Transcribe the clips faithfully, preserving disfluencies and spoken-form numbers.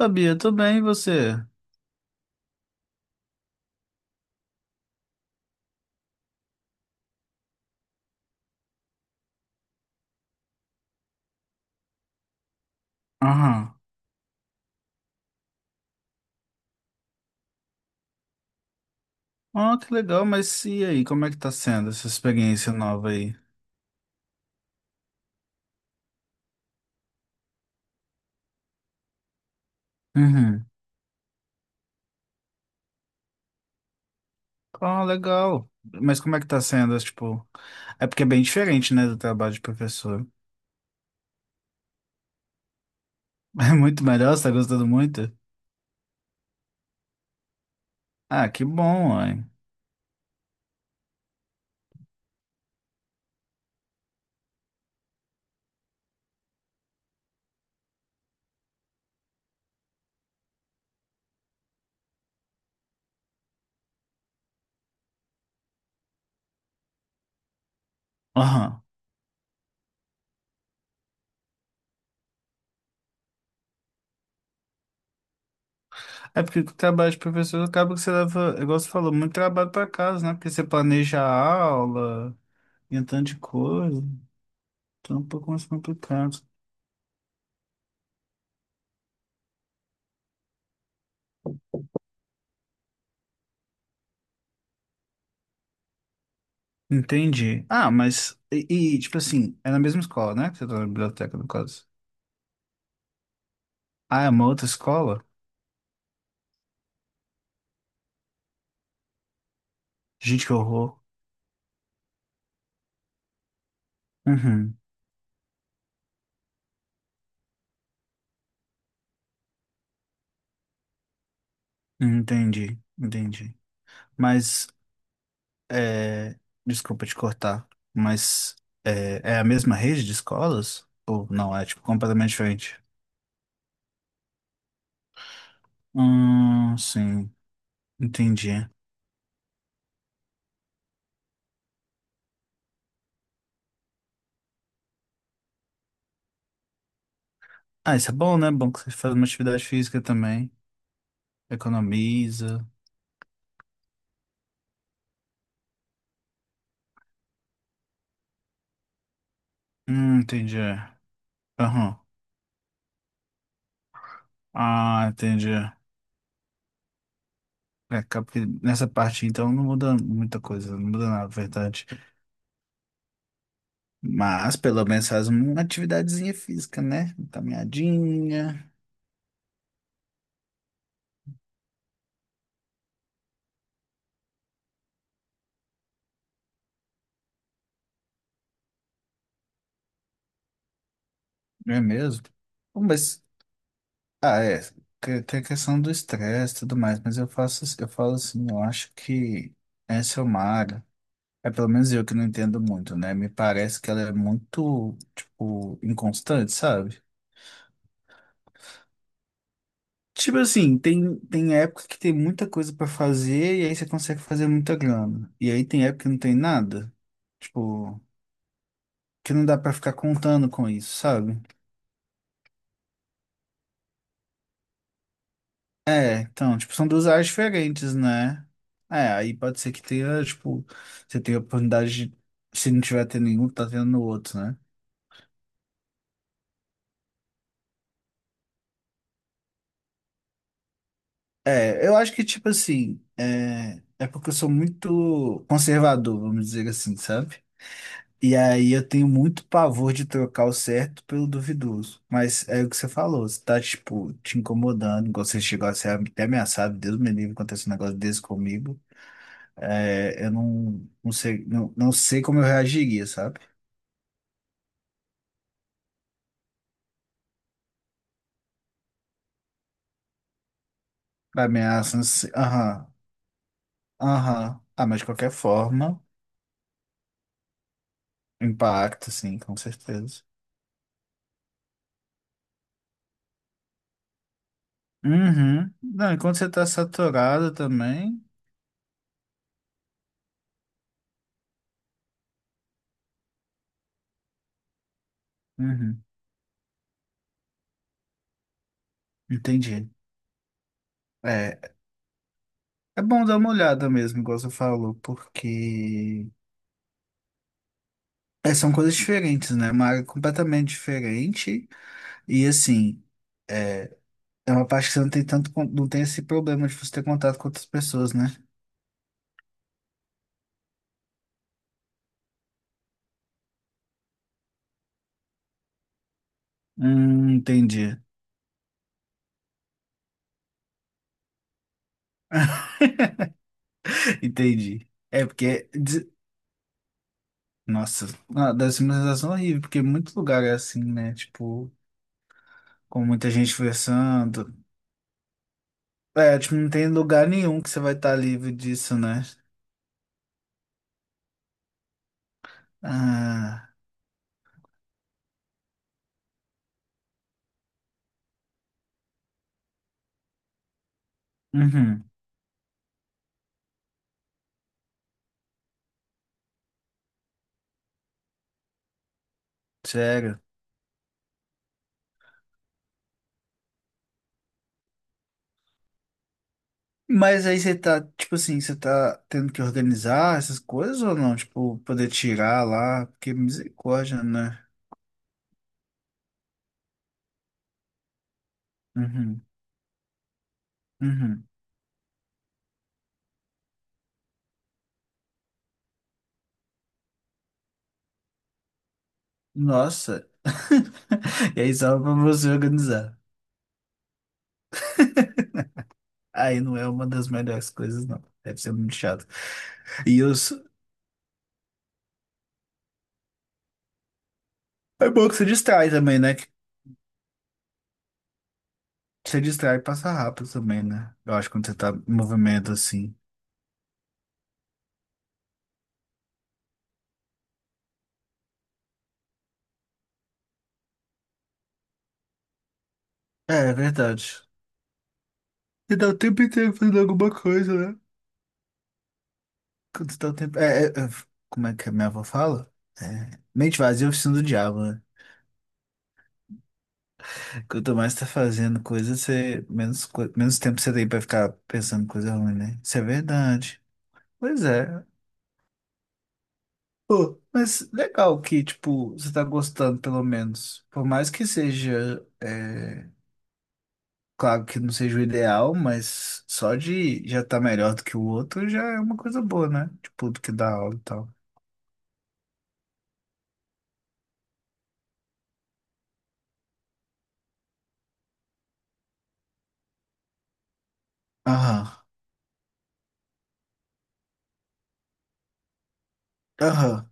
Sabia, tô bem, e você? Aham. Ah, que legal, mas e aí, como é que tá sendo essa experiência nova aí? Uhum. Ah, legal. Mas como é que tá sendo, tipo... É porque é bem diferente, né, do trabalho de professor. É muito melhor, você tá gostando muito? Ah, que bom, ué. Aham. É porque o trabalho de professor acaba que você leva, igual você falou, muito trabalho pra casa, né? Porque você planeja a aula e um tanto de coisa. Então é um pouco mais complicado. Entendi. Ah, mas. E, e, tipo assim, é na mesma escola, né? Que você tá na biblioteca, no caso. Ah, é uma outra escola? Gente, que horror. Uhum. Entendi, entendi. Mas, é... desculpa te cortar, mas é... é a mesma rede de escolas? Ou não? É, tipo, completamente diferente? Hum, sim. Entendi. Ah, isso é bom, né? Bom que você faz uma atividade física também. Economiza. Hum, entendi. Aham. Ah, entendi. É, acaba que nessa parte, então, não muda muita coisa, não muda nada, na verdade. Mas, pelo menos, faz uma atividadezinha física, né? Uma caminhadinha, não é mesmo? Bom, mas, ah, é, que- tem a questão do estresse e tudo mais, mas eu faço, eu falo assim, eu acho que essa é uma área, é pelo menos eu que não entendo muito, né? Me parece que ela é muito, tipo, inconstante, sabe? Tipo assim, tem, tem época que tem muita coisa pra fazer e aí você consegue fazer muita grana. E aí tem época que não tem nada. Tipo, que não dá pra ficar contando com isso, sabe? É, então, tipo, são duas áreas diferentes, né? É, aí pode ser que tenha, tipo, você tenha oportunidade de, se não tiver tendo nenhum, tá tendo no outro, né? É, eu acho que, tipo assim, é, é porque eu sou muito conservador, vamos dizer assim, sabe? E aí eu tenho muito pavor de trocar o certo pelo duvidoso. Mas é o que você falou, se tá, tipo, te incomodando, igual você chegou a ser até ameaçado, Deus me livre, acontece um negócio desse comigo. É, eu não, não sei, não, não sei como eu reagiria, sabe? Pra ameaça, não sei. Aham, aham. Ah, mas de qualquer forma, impacta, sim, com certeza. Uhum. Não, e quando você tá saturado também. Uhum. Entendi. É, é bom dar uma olhada mesmo, igual você falou, porque é, são coisas diferentes, né? É uma área completamente diferente. E assim, é, é uma parte que você não tem tanto, con- não tem esse problema de você ter contato com outras pessoas, né? Hum, entendi. Entendi. É porque. De- Nossa, ah, deve ser uma sensação horrível, porque muito lugar é assim, né? Tipo, com muita gente conversando. É, tipo, não tem lugar nenhum que você vai estar livre disso, né? Ah, uhum, sério. Mas aí você tá, tipo assim, você tá tendo que organizar essas coisas ou não? Tipo, poder tirar lá, porque misericórdia, né? Uhum, uhum. Nossa. E aí só pra você organizar. Aí não é uma das melhores coisas, não. Deve ser muito chato. E os... é bom que você distrai também, né? Que você distrai e passa rápido também, né? Eu acho que quando você tá em movimento assim. É, é verdade. Você dá o tempo inteiro fazendo alguma coisa, né? Quanto tal tempo. É, é, é, como é que a minha avó fala? É, mente vazia é oficina do diabo, né? Quanto mais tá fazendo coisa, você, menos, co- menos tempo você tem pra ficar pensando em coisa ruim, né? Isso é verdade. Pois é. Pô, mas legal que, tipo, você tá gostando, pelo menos. Por mais que seja, é, claro que não seja o ideal, mas só de já tá melhor do que o outro já é uma coisa boa, né? Tipo, do que dar aula e tal. Aham, aham.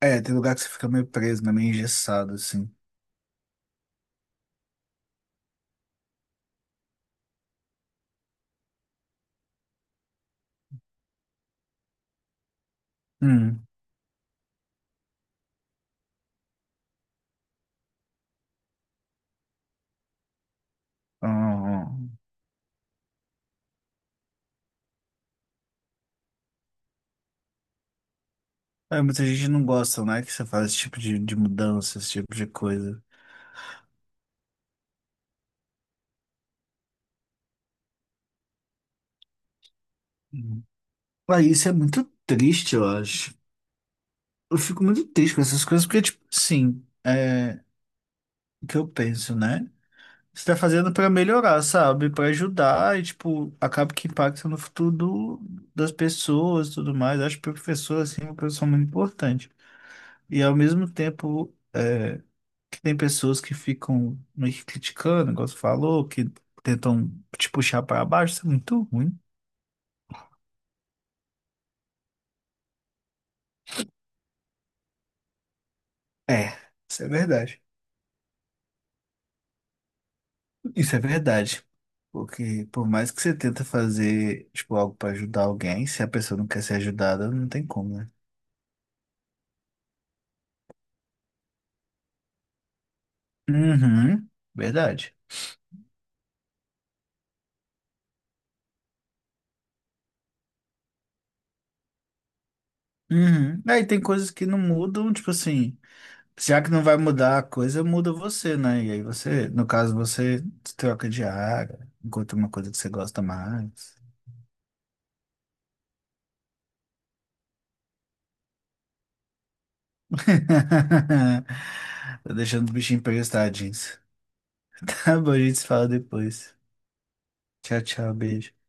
É, tem lugar que você fica meio preso, né? Meio engessado, assim. Hum. Uhum. É, muita gente não gosta, né? Que você faz esse tipo de, de mudança, esse tipo de coisa. Uhum. Ah, isso é muito triste, eu acho. Eu fico muito triste com essas coisas, porque, tipo, sim, é o que eu penso, né? Você tá fazendo pra melhorar, sabe? Pra ajudar e, tipo, acaba que impacta no futuro do- das pessoas e tudo mais. Eu acho que o professor, assim, é uma pessoa muito importante. E, ao mesmo tempo. É, que tem pessoas que ficam meio que criticando, igual você falou, que tentam te puxar para baixo, isso é muito ruim. É, isso é verdade. Isso é verdade. Porque por mais que você tenta fazer, tipo, algo para ajudar alguém, se a pessoa não quer ser ajudada, não tem como, né? Uhum, verdade. Uhum. Aí tem coisas que não mudam, tipo assim, já que não vai mudar a coisa, muda você, né? E aí você, no caso, você se troca de área, encontra uma coisa que você gosta mais. Tô deixando o bichinho pegar os tadinhos. Tá bom, a gente se fala depois. Tchau, tchau, beijo.